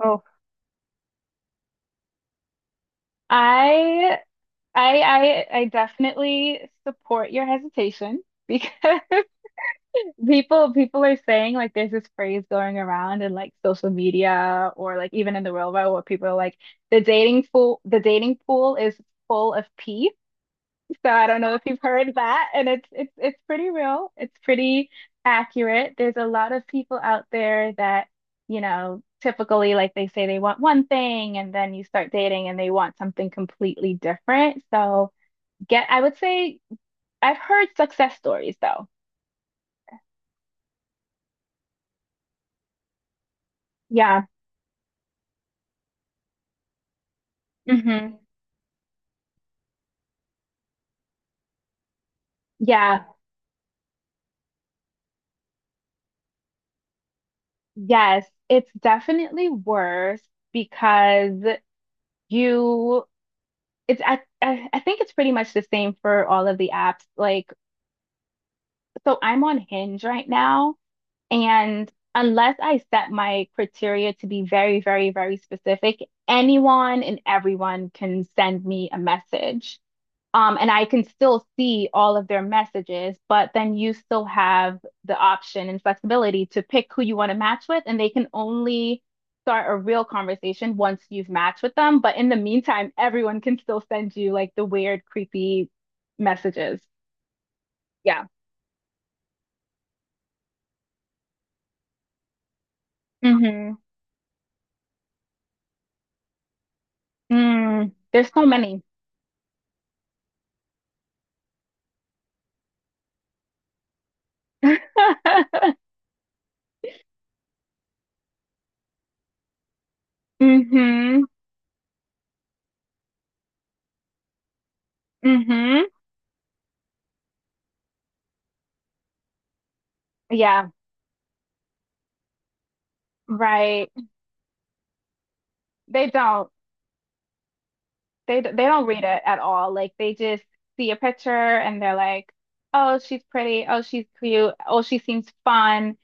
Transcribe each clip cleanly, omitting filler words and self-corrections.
Oh, I I I definitely support your hesitation because people are saying like there's this phrase going around in like social media or like even in the real world where people are like the dating pool is full of pee. So I don't know if you've heard that, and it's pretty real. It's pretty accurate. There's a lot of people out there that, you know, typically like they say they want one thing and then you start dating and they want something completely different. So I would say I've heard success stories though. Yeah. hmm Yeah. Yes. It's definitely worse because you it's I think it's pretty much the same for all of the apps. Like so I'm on Hinge right now, and unless I set my criteria to be very, very, very specific, anyone and everyone can send me a message. And I can still see all of their messages, but then you still have the option and flexibility to pick who you want to match with, and they can only start a real conversation once you've matched with them. But in the meantime, everyone can still send you like the weird, creepy messages. Yeah. hmm Mm, there's so many. Mm-hmm. Mm-hmm. Yeah, right. They don't. They don't read it at all. Like they just see a picture and they're like, "Oh, she's pretty. Oh, she's cute. Oh, she seems fun."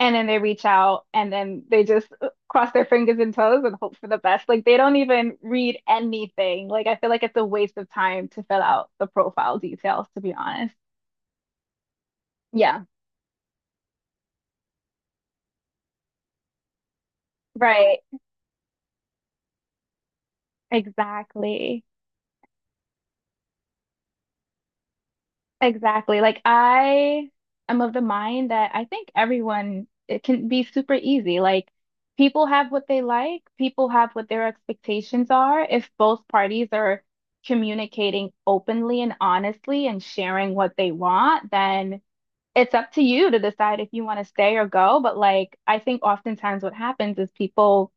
And then they reach out and then they just cross their fingers and toes and hope for the best. Like they don't even read anything. Like I feel like it's a waste of time to fill out the profile details, to be honest. Yeah, right. Exactly. Exactly. Like I am of the mind that I think everyone it can be super easy. Like people have what they like, people have what their expectations are. If both parties are communicating openly and honestly and sharing what they want, then it's up to you to decide if you want to stay or go. But like I think oftentimes what happens is people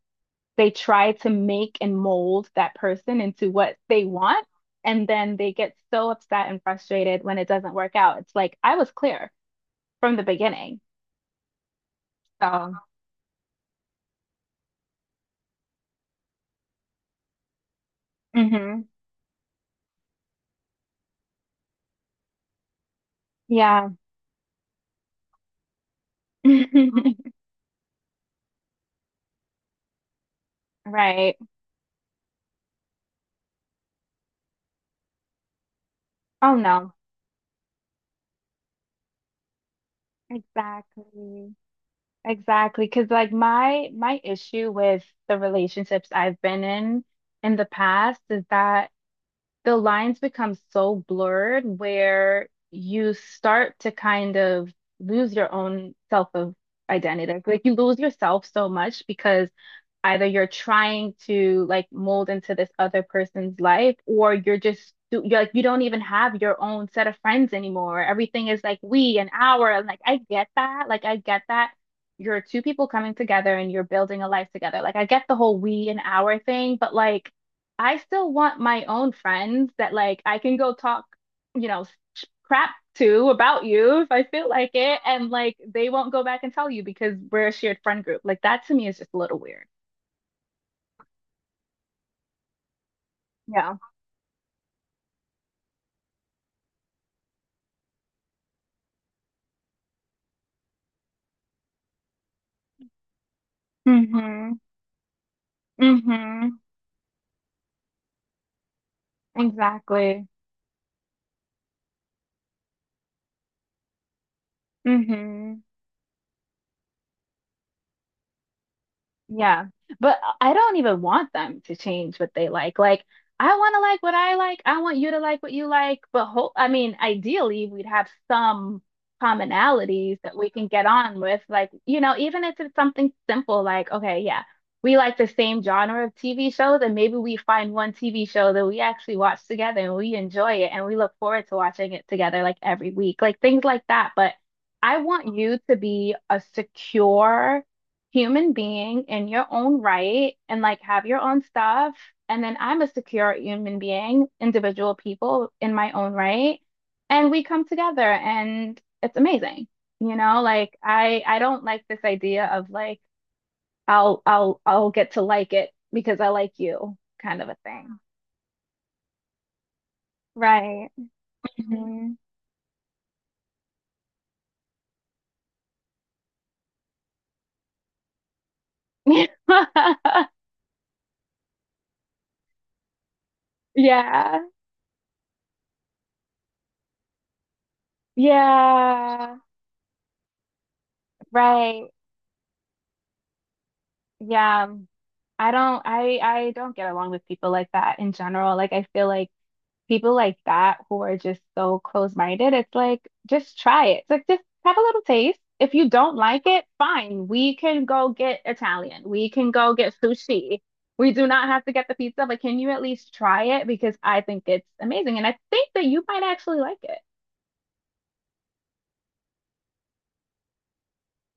they try to make and mold that person into what they want. And then they get so upset and frustrated when it doesn't work out. It's like, I was clear from the beginning. So, mhm. Yeah. Right. Oh, no. Exactly. Exactly. Because like my issue with the relationships I've been in the past is that the lines become so blurred where you start to kind of lose your own self of identity. Like you lose yourself so much because either you're trying to like mold into this other person's life or you're like you don't even have your own set of friends anymore. Everything is like we and our and like I get that. Like I get that you're two people coming together and you're building a life together. Like I get the whole we and our thing, but like I still want my own friends that like I can go talk, you know, crap to about you if I feel like it and like they won't go back and tell you because we're a shared friend group. Like that to me is just a little weird. Yeah. Mm-hmm. Mm-hmm. Exactly. Mm-hmm. Yeah, but I don't even want them to change what they like. Like, I want to like what I like. I want you to like what you like. But ho I mean, ideally, we'd have some commonalities that we can get on with. Like, you know, even if it's something simple, like, okay, yeah, we like the same genre of TV shows, and maybe we find one TV show that we actually watch together and we enjoy it and we look forward to watching it together like every week, like things like that. But I want you to be a secure human being in your own right and like have your own stuff. And then I'm a secure human being, individual people in my own right. And we come together and it's amazing. You know, like I don't like this idea of like I'll get to like it because I like you kind of a thing. Right. Mhm. Yeah. Yeah. Right. Yeah. I don't get along with people like that in general. Like I feel like people like that who are just so close-minded, it's like just try it. It's like just have a little taste. If you don't like it, fine. We can go get Italian. We can go get sushi. We do not have to get the pizza, but can you at least try it? Because I think it's amazing. And I think that you might actually like it.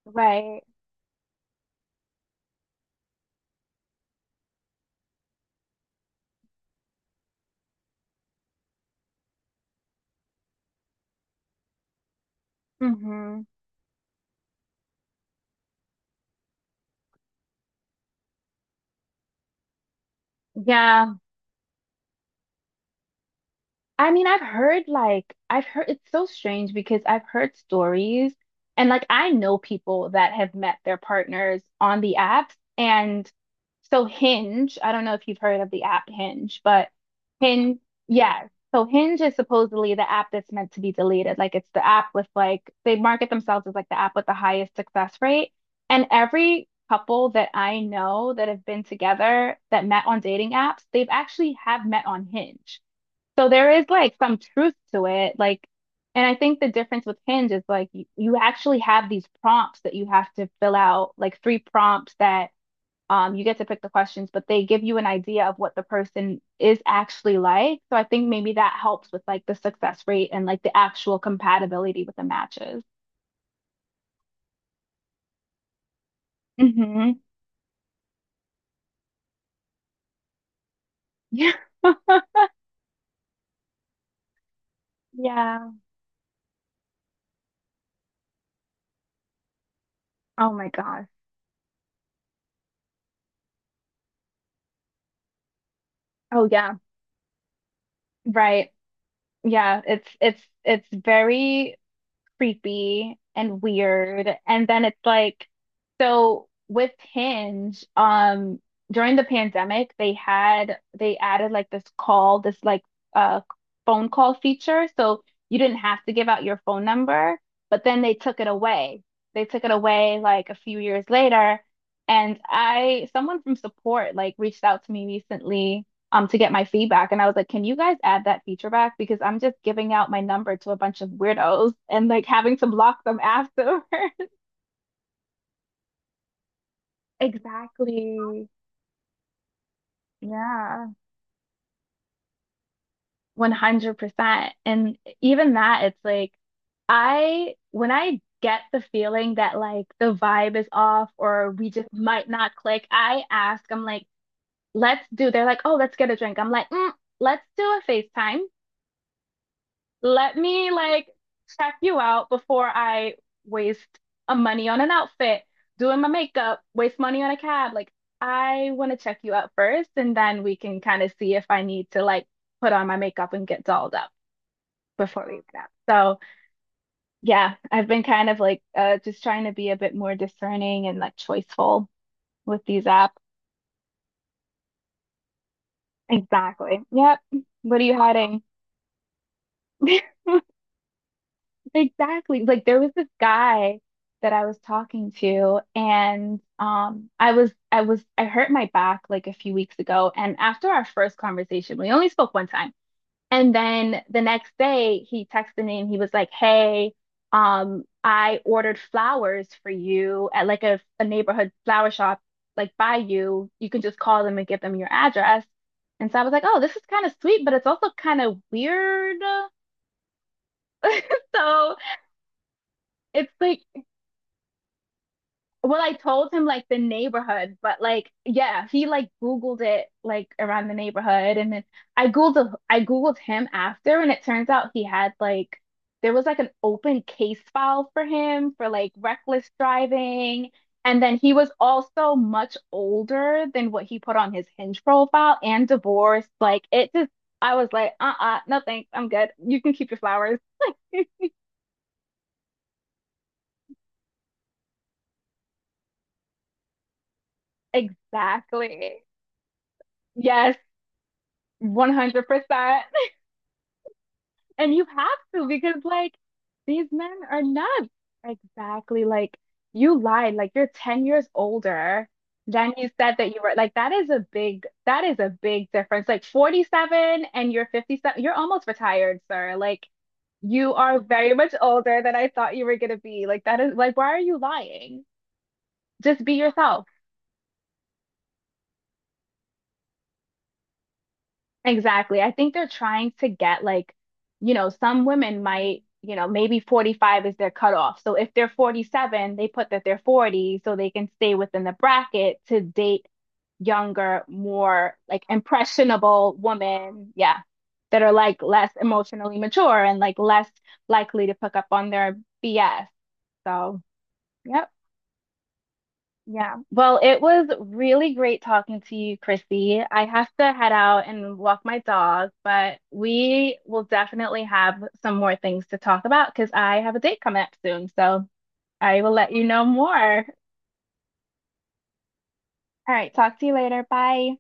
Right. Mm-hmm. Yeah. I mean, I've heard it's so strange because I've heard stories and like I know people that have met their partners on the apps and so Hinge, I don't know if you've heard of the app Hinge, but Hinge, yeah. So Hinge is supposedly the app that's meant to be deleted. Like it's the app with like they market themselves as like the app with the highest success rate. And every couple that I know that have been together that met on dating apps, they've actually have met on Hinge. So there is like some truth to it. Like, and I think the difference with Hinge is like you actually have these prompts that you have to fill out, like three prompts that you get to pick the questions, but they give you an idea of what the person is actually like. So I think maybe that helps with like the success rate and like the actual compatibility with the matches. hmm Yeah. Yeah. Oh my gosh. Oh yeah. Right. Yeah. It's very creepy and weird. And then it's like, so with Hinge, during the pandemic, they added like this call, this like uh phone call feature. So you didn't have to give out your phone number, but then they took it away. They took it away like a few years later. Someone from support like reached out to me recently to get my feedback and I was like, "Can you guys add that feature back because I'm just giving out my number to a bunch of weirdos and like having to block them afterwards." Exactly. Yeah, 100%. And even that it's like I when I get the feeling that like the vibe is off or we just might not click, I ask, I'm like, "Let's do." They're like, "Oh, let's get a drink." I'm like, mm, "Let's do a FaceTime." Let me like check you out before I waste a money on an outfit, doing my makeup, waste money on a cab. Like I want to check you out first, and then we can kind of see if I need to like put on my makeup and get dolled up before we get out. So yeah, I've been kind of like just trying to be a bit more discerning and like choiceful with these apps. Exactly. Yep. What are you hiding? Exactly. Like there was this guy that I was talking to and I was I hurt my back like a few weeks ago and after our first conversation we only spoke one time and then the next day he texted me and he was like, "Hey, I ordered flowers for you at like a neighborhood flower shop like by you. You can just call them and give them your address." And so I was like, "Oh, this is kind of sweet, but it's also kind of weird." So it's like well, I told him like the neighborhood, but like yeah, he like Googled it like around the neighborhood and then I Googled him after and it turns out he had like there was like an open case file for him for like reckless driving and then he was also much older than what he put on his Hinge profile and divorced. Like it just I was like, uh-uh, no thanks, I'm good. You can keep your flowers. Exactly. Yes, 100%. And you have to because like these men are nuts. Exactly. Like you lied. Like you're 10 years older than you said that you were. Like that is a big difference. Like 47 and you're 57. You're almost retired, sir. Like you are very much older than I thought you were gonna be. Like that is like why are you lying? Just be yourself. Exactly. I think they're trying to get like, you know, some women might, you know, maybe 45 is their cutoff. So if they're 47, they put that they're 40 so they can stay within the bracket to date younger, more like impressionable women. Yeah. That are like less emotionally mature and like less likely to pick up on their BS. So, yep. Yeah. Well, it was really great talking to you, Chrissy. I have to head out and walk my dog, but we will definitely have some more things to talk about because I have a date coming up soon. So I will let you know more. All right. Talk to you later. Bye.